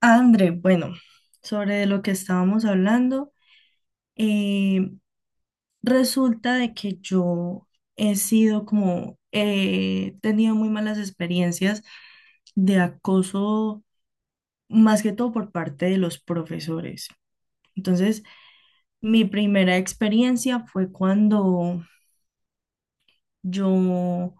André, bueno, sobre lo que estábamos hablando, eh, resulta de que yo he tenido muy malas experiencias de acoso, más que todo por parte de los profesores. Entonces, mi primera experiencia fue cuando yo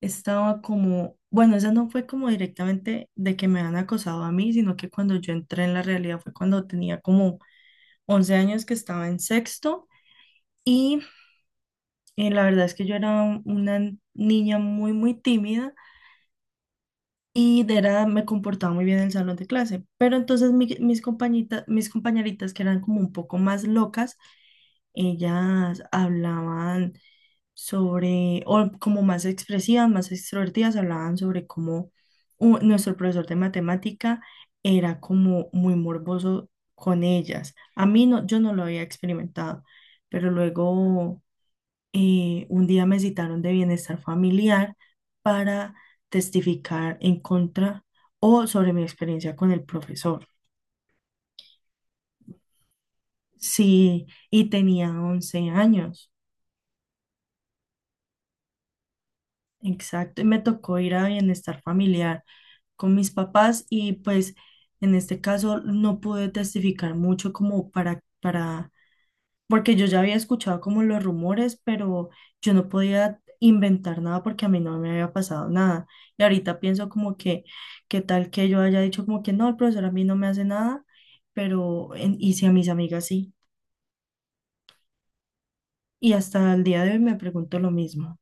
bueno, esa no fue como directamente de que me han acosado a mí, sino que cuando yo entré en la realidad fue cuando tenía como 11 años, que estaba en sexto. Y la verdad es que yo era una niña muy, muy tímida y me comportaba muy bien en el salón de clase, pero entonces mis compañeritas, que eran como un poco más locas, ellas hablaban sobre, o como más expresivas, más extrovertidas, hablaban sobre cómo nuestro profesor de matemática era como muy morboso con ellas. A mí no, yo no lo había experimentado, pero luego un día me citaron de bienestar familiar para testificar en contra o sobre mi experiencia con el profesor. Sí, y tenía 11 años. Exacto, y me tocó ir a bienestar familiar con mis papás, y pues en este caso no pude testificar mucho como porque yo ya había escuchado como los rumores, pero yo no podía inventar nada porque a mí no me había pasado nada. Y ahorita pienso como que qué tal que yo haya dicho como que no, el profesor a mí no me hace nada, pero en- y si a mis amigas sí. Y hasta el día de hoy me pregunto lo mismo.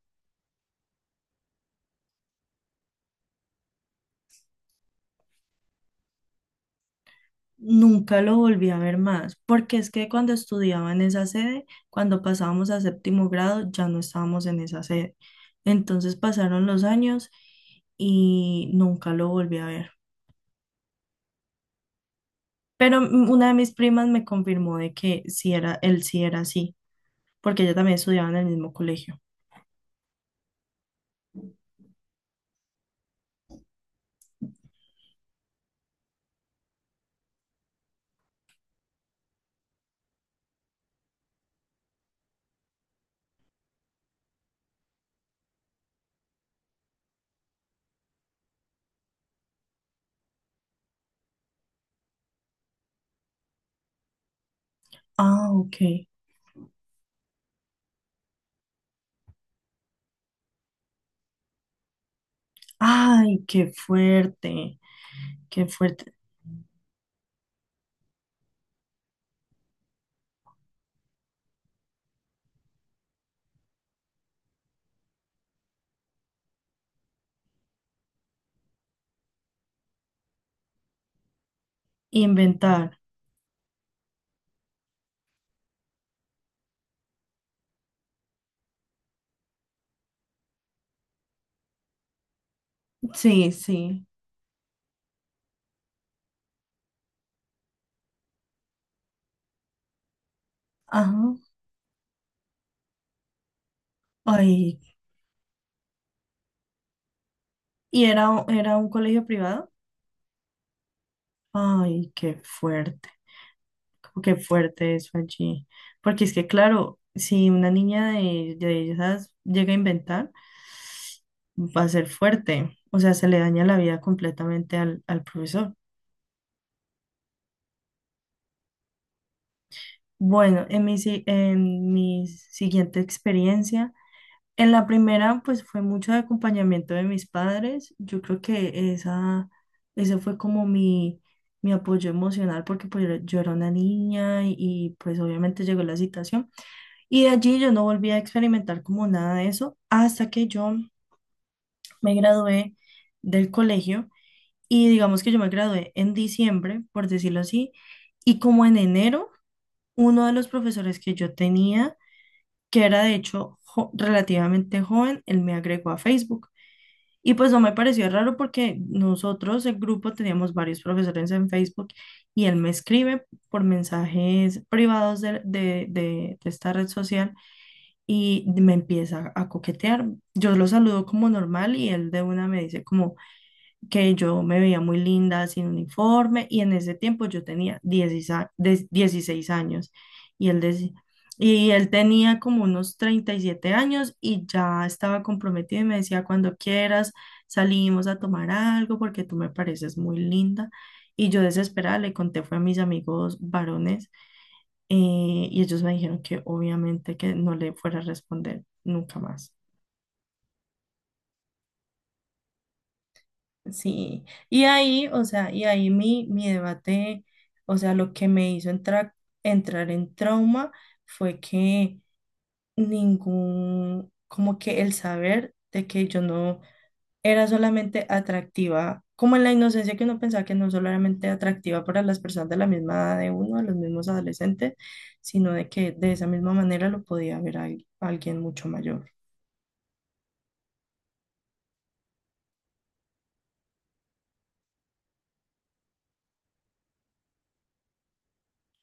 Nunca lo volví a ver más, porque es que cuando estudiaba en esa sede, cuando pasábamos a séptimo grado, ya no estábamos en esa sede. Entonces pasaron los años y nunca lo volví a ver. Pero una de mis primas me confirmó de que sí era, él sí era así, porque ella también estudiaba en el mismo colegio. Ah, ok. Ay, qué fuerte, qué fuerte. Inventar. Sí, sí. Ajá. Ay. ¿Y era, era un colegio privado? Ay, qué fuerte, como qué fuerte eso allí. Porque es que, claro, si una niña de esas llega a inventar, va a ser fuerte. O sea, se le daña la vida completamente al, al profesor. Bueno, en mi, si- en mi siguiente experiencia, en la primera, pues fue mucho de acompañamiento de mis padres. Yo creo que ese fue como mi apoyo emocional, porque pues yo era una niña pues obviamente llegó la situación. Y de allí yo no volví a experimentar como nada de eso hasta que yo me gradué del colegio. Y digamos que yo me gradué en diciembre, por decirlo así, y como en enero, uno de los profesores que yo tenía, que era de hecho relativamente joven, él me agregó a Facebook. Y pues no me pareció raro, porque nosotros, el grupo, teníamos varios profesores en Facebook, y él me escribe por mensajes privados de esta red social y me empieza a coquetear. Yo lo saludo como normal, y él de una me dice como que yo me veía muy linda sin uniforme, y en ese tiempo yo tenía 16 años y él deci- Y él tenía como unos 37 años, y ya estaba comprometido, y me decía, cuando quieras salimos a tomar algo porque tú me pareces muy linda. Y yo desesperada le conté, fue a mis amigos varones, y ellos me dijeron que obviamente que no le fuera a responder nunca más. Sí, y ahí, o sea, y ahí mi debate, o sea, lo que me hizo entrar en trauma fue que como que el saber de que yo no era solamente atractiva, como en la inocencia que uno pensaba, que no solamente atractiva para las personas de la misma edad de uno, de los mismos adolescentes, sino de que de esa misma manera lo podía ver a alguien mucho mayor.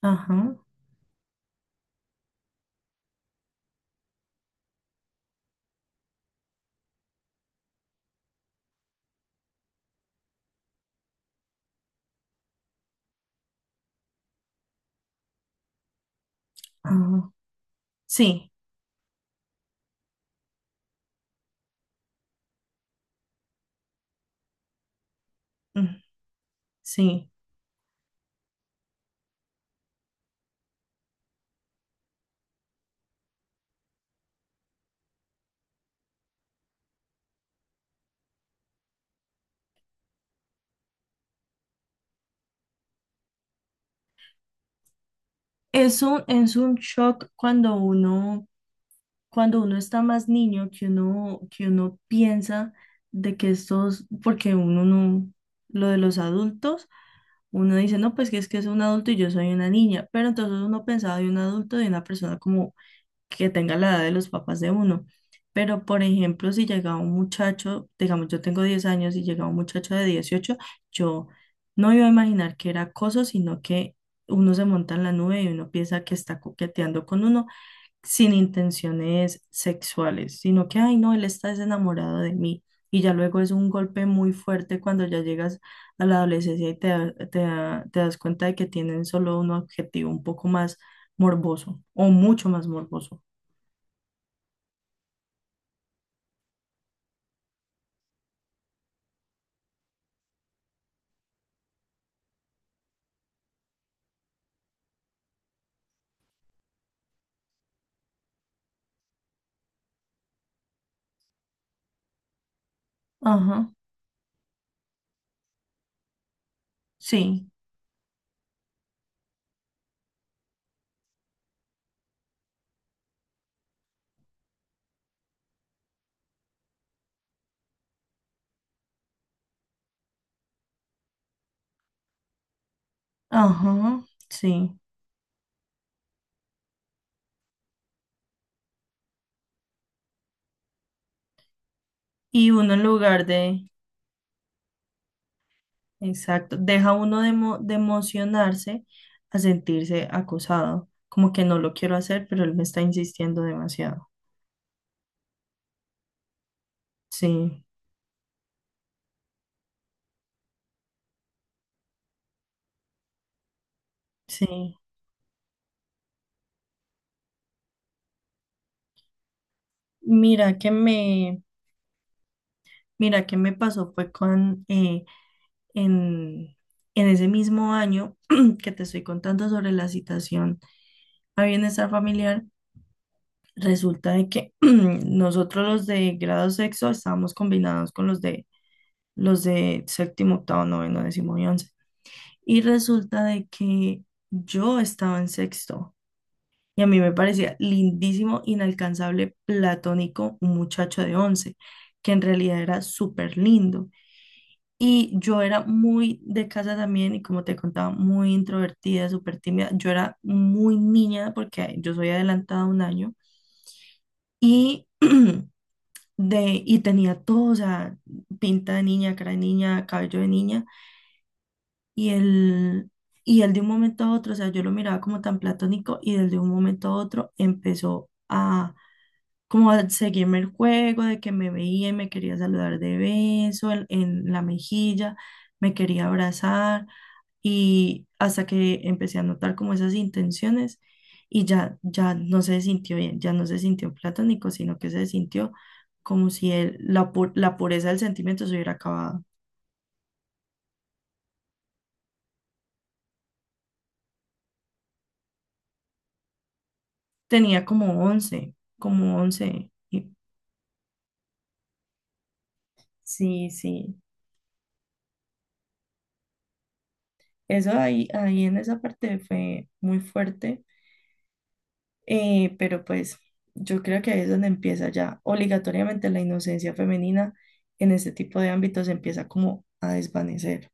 Ajá, ajá. Sí, mm, sí. Es un shock cuando uno está más niño, que uno piensa de que estos, porque uno no, lo de los adultos, uno dice, no, pues que es un adulto y yo soy una niña, pero entonces uno pensaba de un adulto, de una persona como que tenga la edad de los papás de uno. Pero, por ejemplo, si llega un muchacho, digamos, yo tengo 10 años y llega un muchacho de 18, yo no iba a imaginar que era acoso, sino que uno se monta en la nube y uno piensa que está coqueteando con uno sin intenciones sexuales, sino que, ay, no, él está desenamorado de mí. Y ya luego es un golpe muy fuerte cuando ya llegas a la adolescencia y te das cuenta de que tienen solo un objetivo un poco más morboso o mucho más morboso. Ajá, sí, ajá, sí. Y uno en lugar de, exacto, deja uno de, de emocionarse a sentirse acosado, como que no lo quiero hacer, pero él me está insistiendo demasiado. Sí, sí. Mira que me, mira que me pasó fue con, en, en ese mismo año que te estoy contando sobre la citación a bienestar familiar. Resulta de que nosotros los de grado sexto estábamos combinados con los de séptimo, octavo, noveno, décimo y 11. Y resulta de que yo estaba en sexto, y a mí me parecía lindísimo, inalcanzable, platónico, un muchacho de 11, que en realidad era súper lindo. Y yo era muy de casa también, y como te contaba, muy introvertida, súper tímida. Yo era muy niña porque yo soy adelantada un año. Y y tenía todo, o sea, pinta de niña, cara de niña, cabello de niña. Y él, y él de un momento a otro, o sea, yo lo miraba como tan platónico, y él de un momento a otro empezó a como a seguirme el juego, de que me veía y me quería saludar de beso en la mejilla, me quería abrazar. Y hasta que empecé a notar como esas intenciones, y ya, ya no se sintió bien, ya no se sintió platónico, sino que se sintió como si la pureza del sentimiento se hubiera acabado. Tenía como once. Sí, sí, eso ahí, ahí en esa parte fue muy fuerte. Pero pues yo creo que ahí es donde empieza ya obligatoriamente la inocencia femenina, en ese tipo de ámbitos empieza como a desvanecer.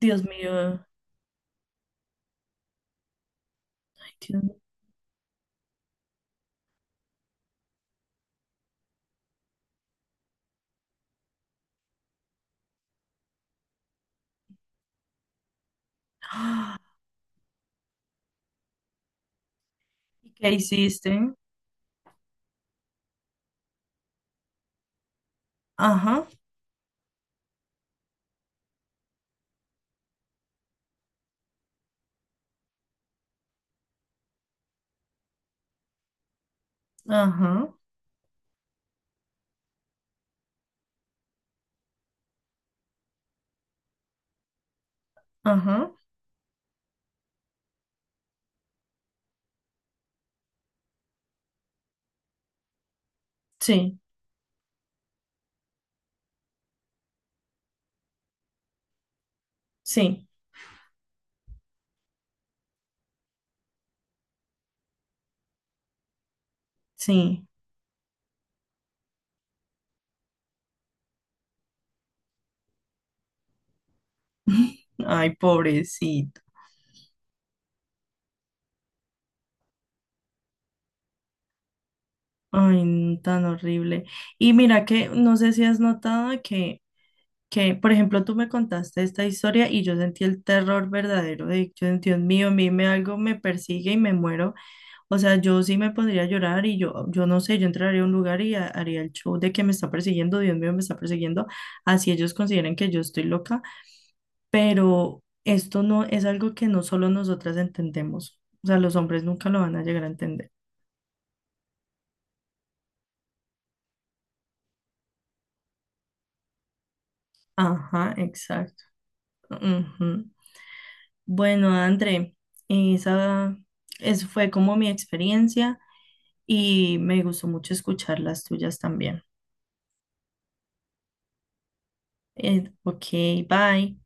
Dios mío, ay, Dios mío. ¡Ah! ¿Y qué hiciste? Ajá, ajá, ajá. Sí, sí, sí. Ay, pobrecito. Ay, no, tan horrible. Y mira que no sé si has notado que, por ejemplo, tú me contaste esta historia y yo sentí el terror verdadero de, yo, Dios mío, mime algo me persigue y me muero. O sea, yo sí me pondría a llorar, y yo no sé, yo entraría a un lugar y haría el show de que me está persiguiendo, Dios mío, me está persiguiendo, así ellos consideren que yo estoy loca, pero esto no es algo que no solo nosotras entendemos, o sea, los hombres nunca lo van a llegar a entender. Ajá, exacto. Ujú. Bueno, André, esa, eso fue como mi experiencia, y me gustó mucho escuchar las tuyas también. Ok, bye.